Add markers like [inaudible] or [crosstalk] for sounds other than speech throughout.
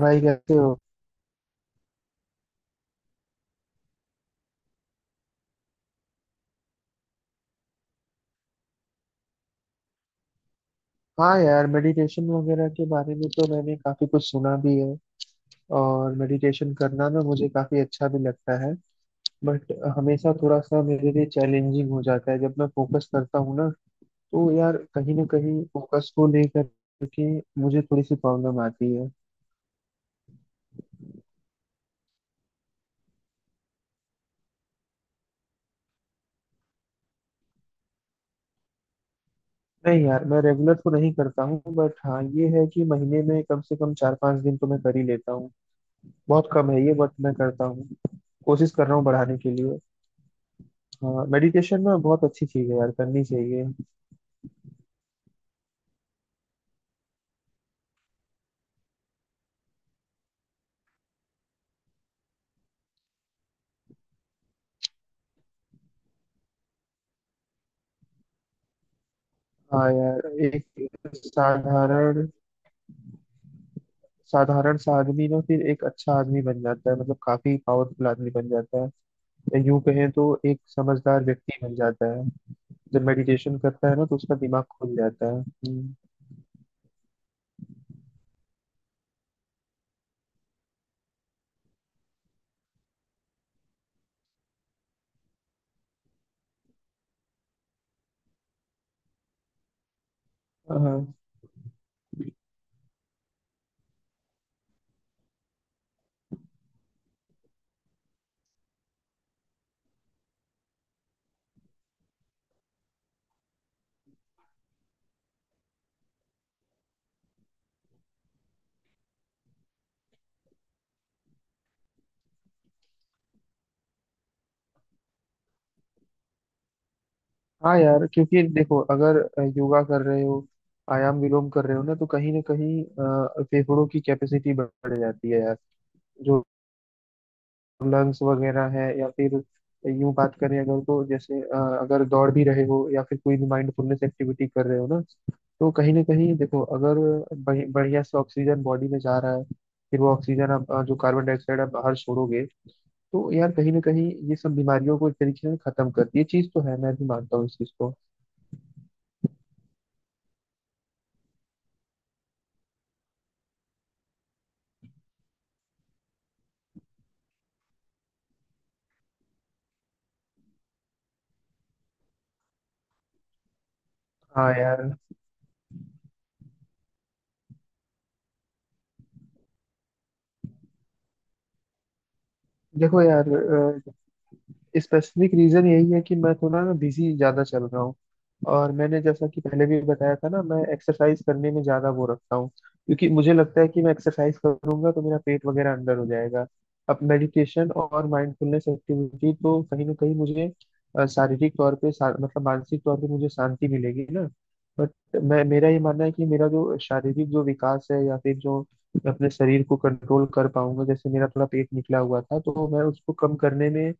भाई कैसे हो। हाँ यार, मेडिटेशन वगैरह के बारे में तो मैंने काफी कुछ सुना भी है। और मेडिटेशन करना ना मुझे काफी अच्छा भी लगता है, बट हमेशा थोड़ा सा मेरे लिए चैलेंजिंग हो जाता है जब मैं फोकस करता हूँ ना। तो यार कहीं ना कहीं फोकस को लेकर के मुझे थोड़ी सी प्रॉब्लम आती है। नहीं यार, मैं रेगुलर तो नहीं करता हूँ, बट हाँ ये है कि महीने में कम से कम चार पांच दिन तो मैं कर ही लेता हूँ। बहुत कम है ये, बट मैं करता हूँ, कोशिश कर रहा हूँ बढ़ाने के लिए। हाँ, मेडिटेशन ना बहुत अच्छी चीज है यार, करनी चाहिए। हाँ यार, एक साधारण साधारण सा आदमी ना फिर एक अच्छा आदमी बन जाता है, मतलब काफी पावरफुल आदमी बन जाता है। यूं कहें तो एक समझदार व्यक्ति बन जाता है जब मेडिटेशन करता है ना, तो उसका दिमाग खुल जाता है। हाँ। हाँ यार, क्योंकि देखो, अगर योगा कर रहे हो, आयाम विलोम कर रहे हो ना, तो कहीं ना कहीं फेफड़ों की कैपेसिटी बढ़ जाती है यार। जो लंग्स वगैरह है, या फिर यूं बात करें अगर, तो जैसे अगर दौड़ भी रहे हो या फिर कोई भी माइंडफुलनेस एक्टिविटी कर रहे हो ना, तो कहीं ना कहीं देखो, अगर बढ़िया से ऑक्सीजन बॉडी में जा रहा है, फिर वो ऑक्सीजन आप, जो कार्बन डाइऑक्साइड आप बाहर छोड़ोगे, तो यार कहीं ना कहीं ये सब बीमारियों को एक तरीके से खत्म करती है। ये चीज तो है, मैं भी मानता हूँ इस चीज को। हाँ यार। देखो यार, स्पेसिफिक रीजन यही है कि मैं थोड़ा ना बिजी ज्यादा चल रहा हूँ। और मैंने जैसा कि पहले भी बताया था ना, मैं एक्सरसाइज करने में ज्यादा वो रखता हूँ, क्योंकि मुझे लगता है कि मैं एक्सरसाइज करूंगा तो मेरा पेट वगैरह अंदर हो जाएगा। अब मेडिटेशन और माइंडफुलनेस एक्टिविटी तो कहीं ना कहीं मुझे शारीरिक तौर पे मतलब मानसिक तौर पे मुझे शांति मिलेगी ना। बट मैं, मेरा ये मानना है कि मेरा जो शारीरिक जो विकास है, या फिर जो मैं अपने शरीर को कंट्रोल कर पाऊंगा, जैसे मेरा थोड़ा पेट निकला हुआ था तो मैं उसको कम करने में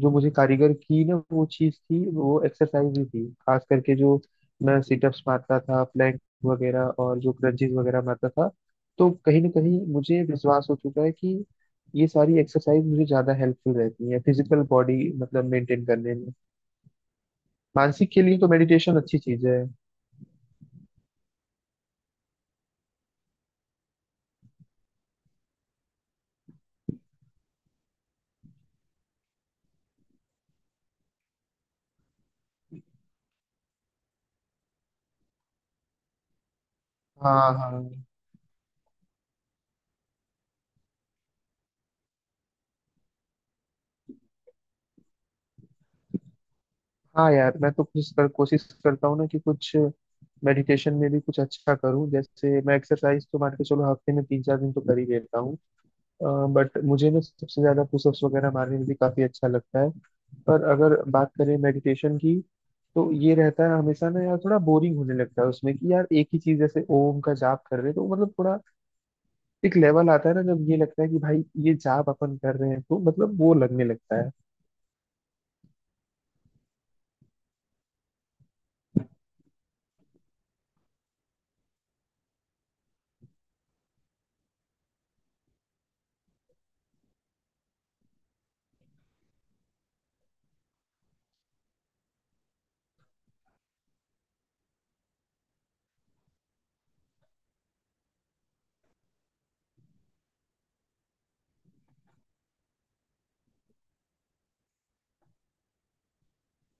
जो मुझे कारीगर की ना वो चीज थी, वो एक्सरसाइज ही थी। खास करके जो मैं सिटअप्स मारता था, प्लैंक वगैरह और जो क्रंचेस वगैरह मारता था, तो कहीं ना कहीं मुझे विश्वास हो चुका है कि ये सारी एक्सरसाइज मुझे ज्यादा हेल्पफुल रहती है फिजिकल बॉडी मतलब मेंटेन करने में। मानसिक के लिए तो मेडिटेशन अच्छी चीज है। हाँ हाँ। हाँ यार, मैं तो कुछ कोशिश करता हूँ ना कि कुछ मेडिटेशन में भी कुछ अच्छा करूँ। जैसे मैं एक्सरसाइज तो मान के चलो हफ्ते में तीन चार दिन तो कर ही लेता हूँ, बट मुझे ना सबसे ज्यादा पुशअप्स वगैरह मारने में भी काफी अच्छा लगता है। पर अगर बात करें मेडिटेशन की, तो ये रहता है हमेशा ना यार, थोड़ा बोरिंग होने लगता है उसमें कि यार एक ही चीज, जैसे ओम का जाप कर रहे हैं तो मतलब थोड़ा एक लेवल आता है ना, जब ये लगता है कि भाई ये जाप अपन कर रहे हैं तो मतलब वो लगने लगता है।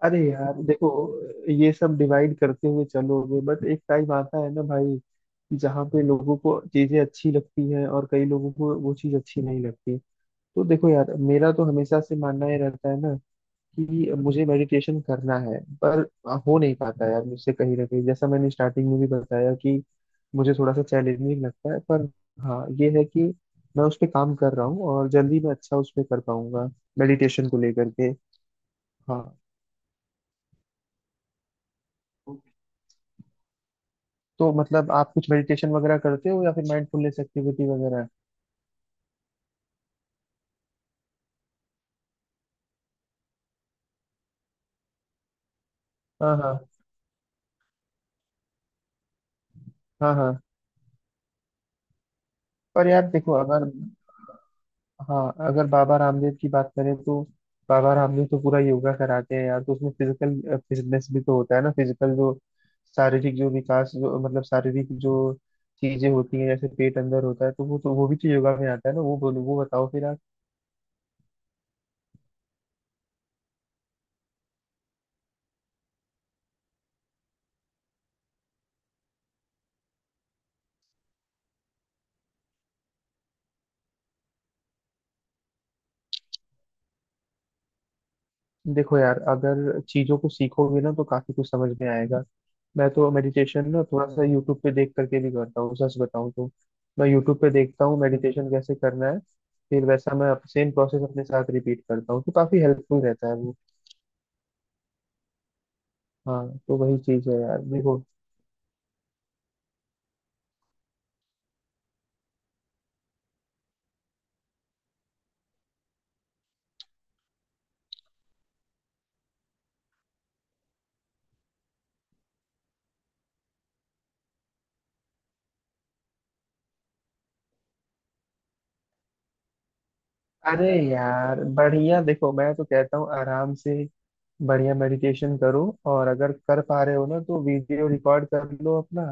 अरे यार देखो, ये सब डिवाइड करते हुए चलोगे, बट एक टाइम आता है ना भाई, जहाँ पे लोगों को चीजें अच्छी लगती हैं और कई लोगों को वो चीज अच्छी नहीं लगती। तो देखो यार, मेरा तो हमेशा से मानना ये रहता है ना, कि मुझे मेडिटेशन करना है, पर हो नहीं पाता यार मुझसे। कहीं ना कहीं, जैसा मैंने स्टार्टिंग में भी बताया कि मुझे थोड़ा सा चैलेंजिंग लगता है, पर हाँ ये है कि मैं उस पर काम कर रहा हूँ, और जल्दी मैं अच्छा उस पर कर पाऊंगा मेडिटेशन को लेकर के। हाँ। तो मतलब आप कुछ मेडिटेशन वगैरह करते हो या फिर माइंडफुलनेस एक्टिविटी वगैरह? हाँ हाँ। हाँ हाँ। पर यार देखो, अगर हाँ, अगर बाबा रामदेव की बात करें, तो बाबा रामदेव तो पूरा योगा कराते हैं यार। तो उसमें फिजिकल फिटनेस भी तो होता है ना, फिजिकल जो शारीरिक जो विकास जो मतलब शारीरिक जो चीजें होती हैं, जैसे पेट अंदर होता है, तो वो तो, वो भी तो योगा में आता है ना। वो बोलो, वो बताओ फिर। देखो यार, अगर चीजों को सीखोगे ना तो काफी कुछ समझ में आएगा। मैं तो मेडिटेशन ना थोड़ा सा यूट्यूब पे देख करके भी करता हूँ, सच बताऊँ तो। मैं यूट्यूब पे देखता हूँ मेडिटेशन कैसे करना है, फिर वैसा मैं सेम प्रोसेस अपने साथ रिपीट करता हूँ, तो काफी हेल्पफुल रहता है वो। हाँ तो वही चीज है यार, देखो। अरे यार बढ़िया, देखो मैं तो कहता हूँ आराम से बढ़िया मेडिटेशन करो, और अगर कर पा रहे हो ना तो वीडियो रिकॉर्ड कर लो अपना।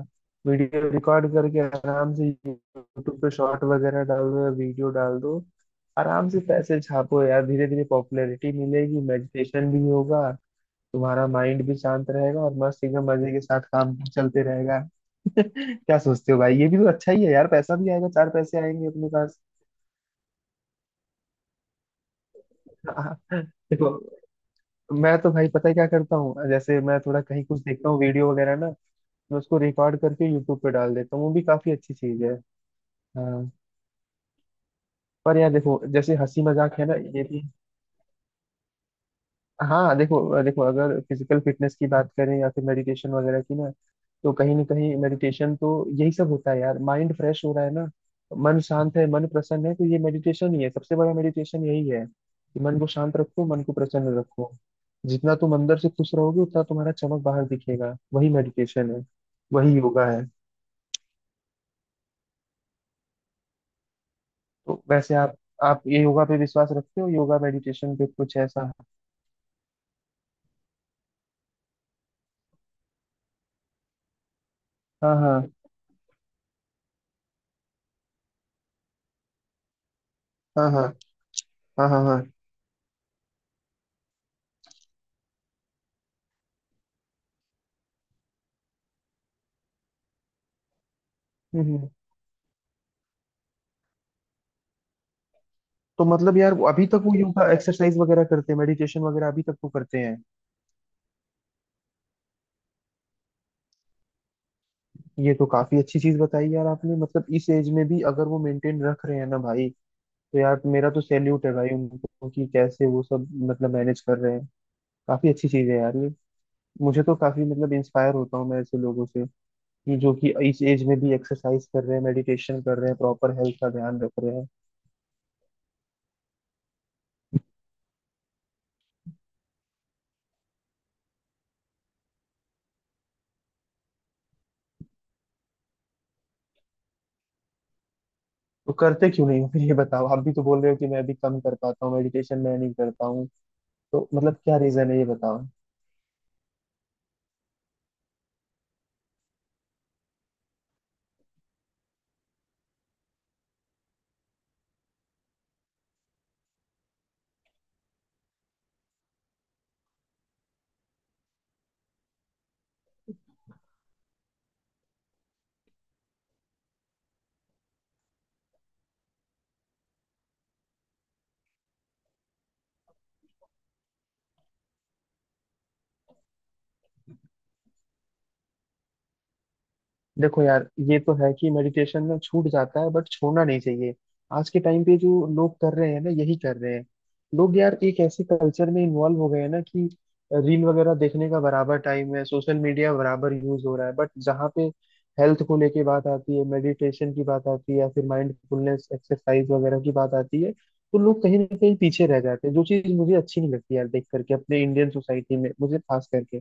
वीडियो रिकॉर्ड करके आराम से यूट्यूब पे शॉर्ट वगैरह डाल दो या वीडियो डाल दो। आराम से पैसे छापो यार, धीरे धीरे पॉपुलैरिटी मिलेगी, मेडिटेशन भी होगा, तुम्हारा माइंड भी शांत रहेगा, और मस्त एकदम मजे के साथ काम चलते रहेगा। [laughs] क्या सोचते हो भाई, ये भी तो अच्छा ही है यार, पैसा भी आएगा, चार पैसे आएंगे अपने पास। [laughs] हाँ, देखो, मैं तो भाई पता है क्या करता हूँ? जैसे मैं थोड़ा कहीं कुछ देखता हूँ वीडियो वगैरह ना, मैं उसको रिकॉर्ड करके यूट्यूब पे डाल देता हूँ, वो भी काफी अच्छी चीज है। हाँ। पर यार देखो, जैसे हंसी मजाक है ना ये भी। हाँ देखो देखो, अगर फिजिकल फिटनेस की बात करें, या फिर मेडिटेशन वगैरह की ना, तो कहीं ना कहीं मेडिटेशन तो यही सब होता है यार, माइंड फ्रेश हो रहा है ना। मन शांत है, मन प्रसन्न है, तो ये मेडिटेशन ही है। सबसे बड़ा मेडिटेशन यही है कि मन को शांत रखो, मन को प्रसन्न रखो। जितना तुम अंदर से खुश रहोगे, उतना तुम्हारा चमक बाहर दिखेगा। वही मेडिटेशन है, वही योगा है। तो वैसे आप ये योगा पे विश्वास रखते हो? योगा मेडिटेशन पे कुछ ऐसा? हाँ हाँ। हाँ हाँ। हाँ हाँ हाँ। हम्म हम्म। तो मतलब यार वो अभी तक वो योगा एक्सरसाइज वगैरह करते हैं, मेडिटेशन वगैरह अभी तक वो करते हैं? ये तो काफी अच्छी चीज बताई यार आपने। मतलब इस एज में भी अगर वो मेंटेन रख रहे हैं ना भाई, तो यार मेरा तो सैल्यूट है भाई उनको, कि कैसे वो सब मतलब मैनेज कर रहे हैं। काफी अच्छी चीज है यार ये। मुझे तो काफी मतलब इंस्पायर होता हूँ मैं ऐसे लोगों से, कि जो कि इस एज में भी एक्सरसाइज कर रहे हैं, मेडिटेशन कर रहे हैं, प्रॉपर हेल्थ का ध्यान रख रहे हैं। तो करते क्यों नहीं हो फिर, ये बताओ? आप भी तो बोल रहे हो कि मैं भी कम कर पाता हूँ मेडिटेशन, मैं नहीं करता हूँ, तो मतलब क्या रीजन है ये बताओ? देखो यार, ये तो है कि मेडिटेशन में छूट जाता है, बट छोड़ना नहीं चाहिए। आज के टाइम पे जो लोग कर रहे हैं ना, यही कर रहे हैं। लोग यार एक ऐसे कल्चर में इन्वॉल्व हो गए हैं ना, कि रील वगैरह देखने का बराबर टाइम है, सोशल मीडिया बराबर यूज हो रहा है, बट जहाँ पे हेल्थ को लेके बात आती है, मेडिटेशन की बात आती है, या फिर माइंडफुलनेस एक्सरसाइज वगैरह की बात आती है, तो लोग कहीं ना कहीं पीछे रह जाते हैं। जो चीज़ मुझे अच्छी नहीं लगती यार, देख करके अपने इंडियन सोसाइटी में, मुझे खास करके।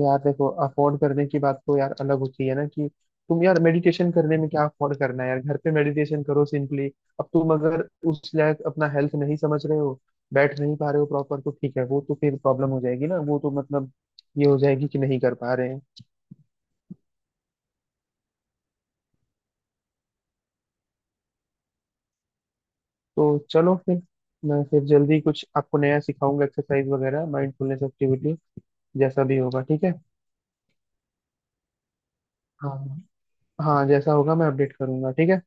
यार देखो, अफोर्ड करने की बात तो यार अलग होती है ना। कि तुम, यार मेडिटेशन करने में क्या अफोर्ड करना है यार, घर पे मेडिटेशन करो सिंपली। अब तुम अगर उस लायक अपना हेल्थ नहीं समझ रहे हो, बैठ नहीं पा रहे हो प्रॉपर, तो ठीक है, वो तो फिर प्रॉब्लम हो जाएगी ना। वो तो मतलब ये हो जाएगी कि नहीं कर पा रहे हैं। तो चलो फिर, मैं फिर जल्दी कुछ आपको नया सिखाऊंगा, एक्सरसाइज वगैरह माइंडफुलनेस एक्टिविटी, जैसा भी होगा। ठीक है। हाँ, हाँ जैसा होगा मैं अपडेट करूंगा, ठीक है।